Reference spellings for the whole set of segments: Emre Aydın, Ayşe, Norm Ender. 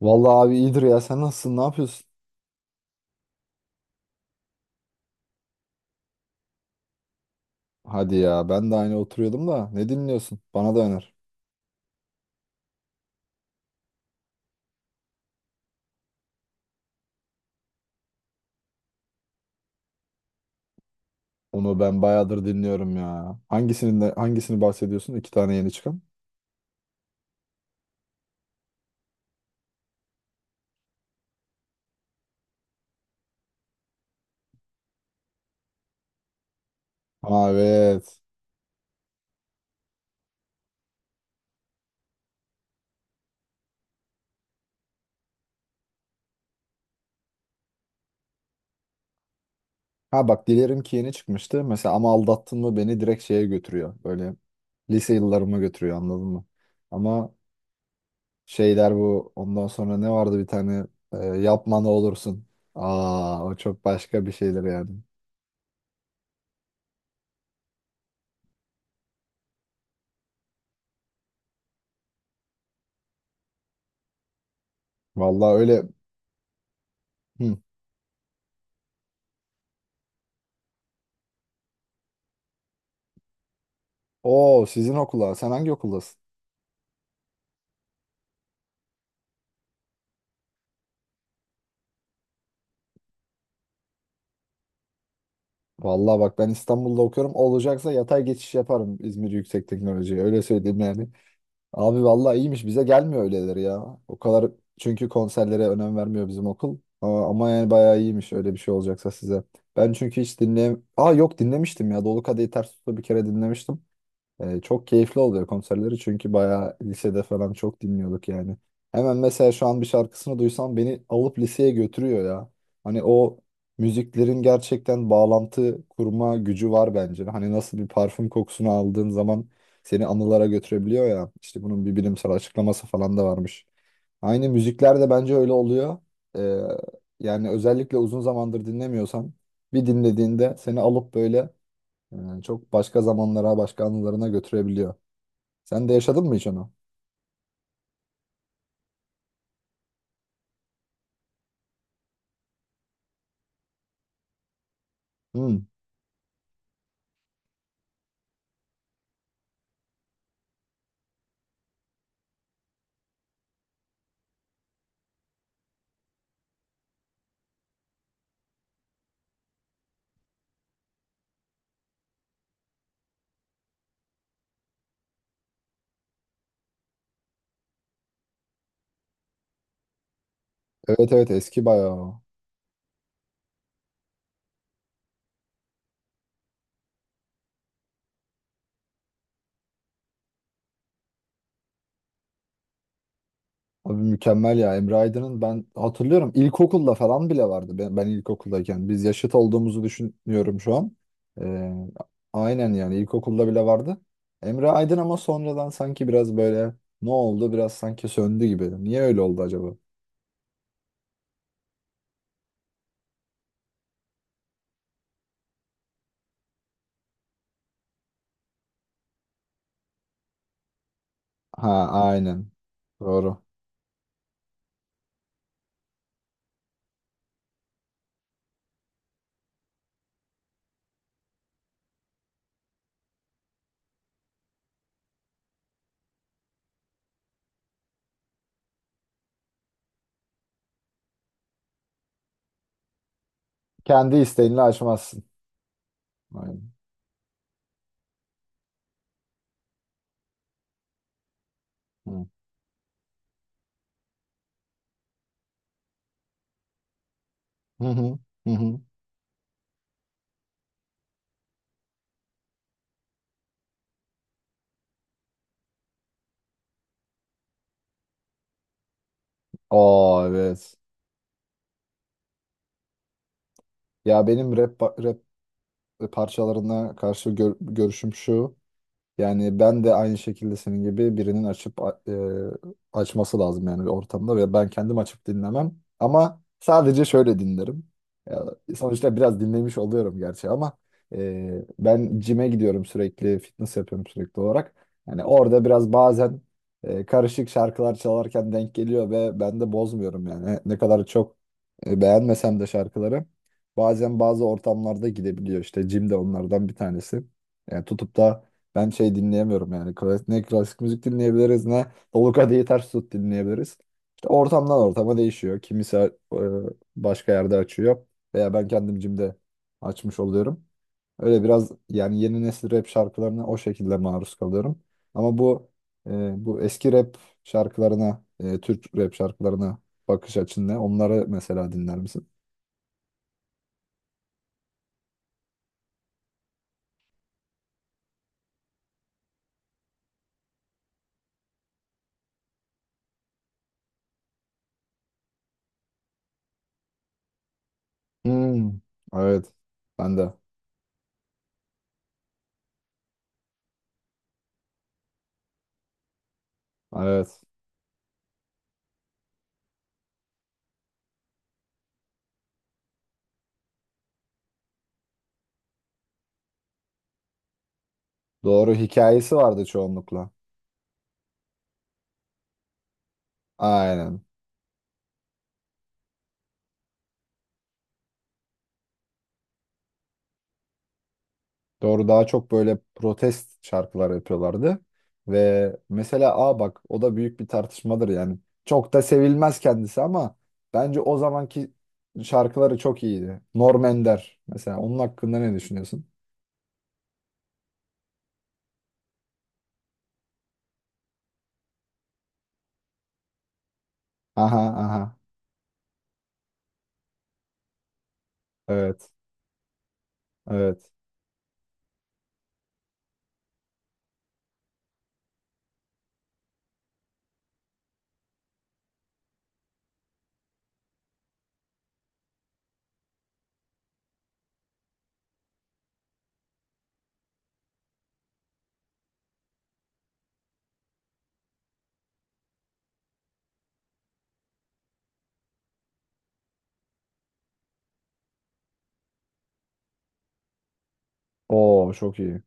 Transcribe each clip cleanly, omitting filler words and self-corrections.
Vallahi abi iyidir ya. Sen nasılsın? Ne yapıyorsun? Hadi ya. Ben de aynı oturuyordum da. Ne dinliyorsun? Bana da öner. Onu ben bayağıdır dinliyorum ya. Hangisini bahsediyorsun? İki tane yeni çıkan. Ha, evet. Ha bak, Dilerim ki yeni çıkmıştı. Mesela ama aldattın mı beni direkt şeye götürüyor. Böyle lise yıllarıma götürüyor, anladın mı? Ama şeyler bu. Ondan sonra ne vardı bir tane yapma ne olursun. Aa, o çok başka bir şeydir yani. Vallahi öyle. Hı. Oo, sizin okula. Sen hangi okuldasın? Vallahi bak, ben İstanbul'da okuyorum. Olacaksa yatay geçiş yaparım İzmir Yüksek Teknoloji'ye. Öyle söyleyeyim yani. Abi vallahi iyiymiş. Bize gelmiyor öyleleri ya. O kadar çünkü konserlere önem vermiyor bizim okul. Aa, ama yani bayağı iyiymiş öyle bir şey olacaksa size. Ben çünkü hiç. Aa, yok, dinlemiştim ya. Dolu Kadehi Ters Tut'u bir kere dinlemiştim. Çok keyifli oluyor konserleri çünkü bayağı lisede falan çok dinliyorduk yani. Hemen mesela şu an bir şarkısını duysam beni alıp liseye götürüyor ya. Hani o müziklerin gerçekten bağlantı kurma gücü var bence. Hani nasıl bir parfüm kokusunu aldığın zaman seni anılara götürebiliyor ya. İşte bunun bir bilimsel açıklaması falan da varmış. Aynı müzikler de bence öyle oluyor. Ee, Yani özellikle uzun zamandır dinlemiyorsan bir dinlediğinde seni alıp böyle yani çok başka zamanlara, başka anılarına götürebiliyor. Sen de yaşadın mı hiç onu? Hmm. Evet, evet, eski bayağı o. Abi mükemmel ya. Emre Aydın'ın ben hatırlıyorum ilkokulda falan bile vardı. Ben ilkokuldayken. Biz yaşıt olduğumuzu düşünüyorum şu an. Ee, aynen, yani ilkokulda bile vardı. Emre Aydın ama sonradan sanki biraz böyle ne oldu, biraz sanki söndü gibi. Niye öyle oldu acaba? Ha, aynen. Doğru. Kendi isteğinle açmazsın. Aynen. Hı hı hı, hı. Aa, evet. Ya benim rap parçalarına karşı görüşüm şu. Yani ben de aynı şekilde senin gibi birinin açıp açması lazım yani bir ortamda, ve ben kendim açıp dinlemem. Ama sadece şöyle dinlerim. Ya, sonuçta biraz dinlemiş oluyorum gerçi ama ben cime gidiyorum sürekli, fitness yapıyorum sürekli olarak. Yani orada biraz bazen karışık şarkılar çalarken denk geliyor ve ben de bozmuyorum yani. Ne kadar çok beğenmesem de şarkıları bazen bazı ortamlarda gidebiliyor. İşte cim de onlardan bir tanesi. Yani tutup da ben şey dinleyemiyorum yani. Ne klasik müzik dinleyebiliriz, ne Oluka diye ters tut dinleyebiliriz. İşte ortamdan ortama değişiyor. Kimisi başka yerde açıyor veya ben kendim cimde açmış oluyorum. Öyle biraz yani yeni nesil rap şarkılarına o şekilde maruz kalıyorum. Ama e, bu eski rap şarkılarına, Türk rap şarkılarına bakış açın ne? Onları mesela dinler misin? Hmm, evet. Ben de. Evet. Doğru, hikayesi vardı çoğunlukla. Aynen. Doğru, daha çok böyle protest şarkılar yapıyorlardı. Ve mesela aa bak, o da büyük bir tartışmadır yani. Çok da sevilmez kendisi ama bence o zamanki şarkıları çok iyiydi. Norm Ender mesela, onun hakkında ne düşünüyorsun? Aha aha, evet, evet. Oo, çok iyi.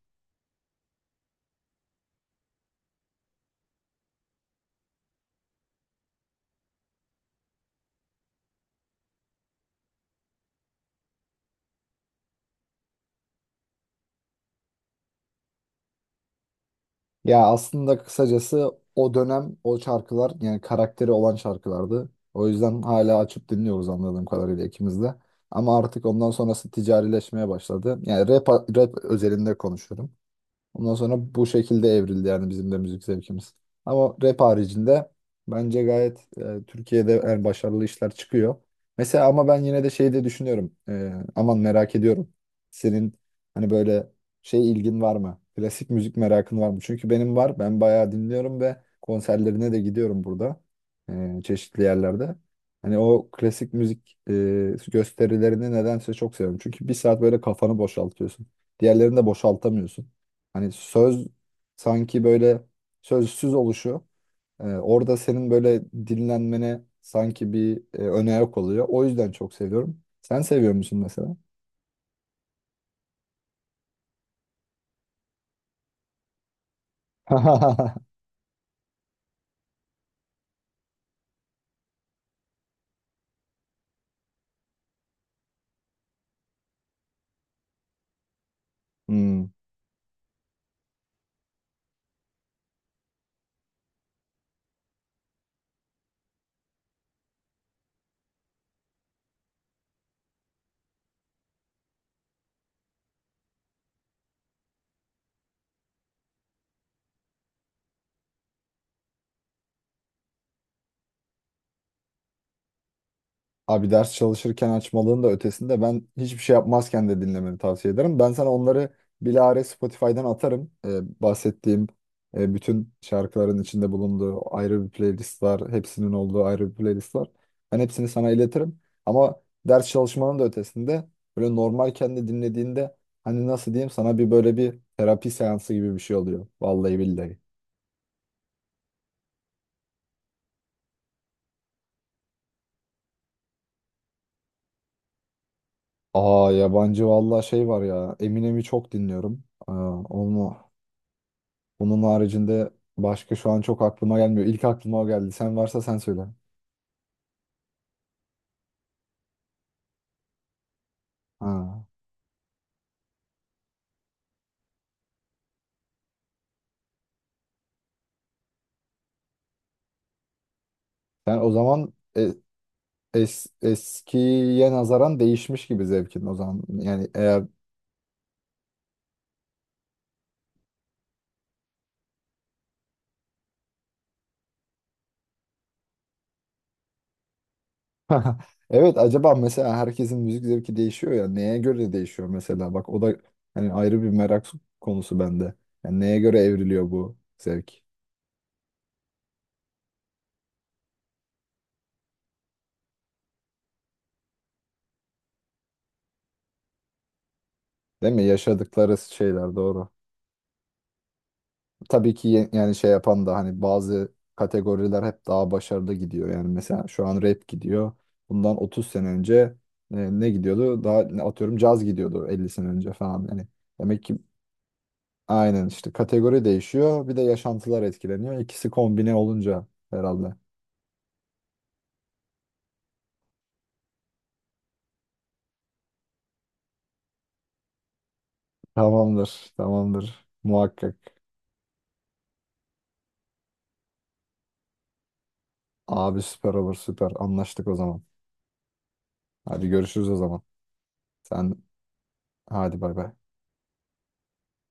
Ya aslında kısacası o dönem o şarkılar yani karakteri olan şarkılardı. O yüzden hala açıp dinliyoruz anladığım kadarıyla ikimiz de. Ama artık ondan sonrası ticarileşmeye başladı. Yani rap özelinde konuşuyorum. Ondan sonra bu şekilde evrildi yani bizim de müzik zevkimiz. Ama rap haricinde bence gayet Türkiye'de en başarılı işler çıkıyor. Mesela ama ben yine de şey de düşünüyorum. Aman merak ediyorum. Senin hani böyle şey ilgin var mı? Klasik müzik merakın var mı? Çünkü benim var. Ben bayağı dinliyorum ve konserlerine de gidiyorum burada. Çeşitli yerlerde. Hani o klasik müzik gösterilerini nedense çok seviyorum. Çünkü bir saat böyle kafanı boşaltıyorsun. Diğerlerini de boşaltamıyorsun. Hani söz sanki böyle sözsüz oluşu orada senin böyle dinlenmene sanki bir öne oluyor. O yüzden çok seviyorum. Sen seviyor musun mesela? Hmm. Abi ders çalışırken açmalığın da ötesinde ben hiçbir şey yapmazken de dinlemeni tavsiye ederim. Ben sana onları bilahare Spotify'dan atarım. Bahsettiğim bütün şarkıların içinde bulunduğu ayrı bir playlist var. Hepsinin olduğu ayrı bir playlist var. Ben hepsini sana iletirim. Ama ders çalışmanın da ötesinde böyle normal kendi dinlediğinde hani nasıl diyeyim sana, bir böyle bir terapi seansı gibi bir şey oluyor. Vallahi billahi. Aa, yabancı vallahi şey var ya. Eminem'i çok dinliyorum. Aa, onu bunun haricinde başka şu an çok aklıma gelmiyor. İlk aklıma o geldi. Sen varsa sen söyle. Ha. Sen o zaman eskiye nazaran değişmiş gibi zevkin o zaman. Yani eğer evet, acaba mesela herkesin müzik zevki değişiyor ya, neye göre değişiyor mesela bak, o da hani ayrı bir merak konusu bende. Yani neye göre evriliyor bu zevk? Değil mi? Yaşadıkları şeyler, doğru. Tabii ki, yani şey yapan da hani bazı kategoriler hep daha başarılı gidiyor. Yani mesela şu an rap gidiyor. Bundan 30 sene önce ne gidiyordu? Daha ne atıyorum, caz gidiyordu 50 sene önce falan. Yani demek ki aynen işte kategori değişiyor. Bir de yaşantılar etkileniyor. İkisi kombine olunca herhalde. Tamamdır, tamamdır. Muhakkak. Abi süper olur, süper. Anlaştık o zaman. Hadi görüşürüz o zaman. Sen hadi, bay bay.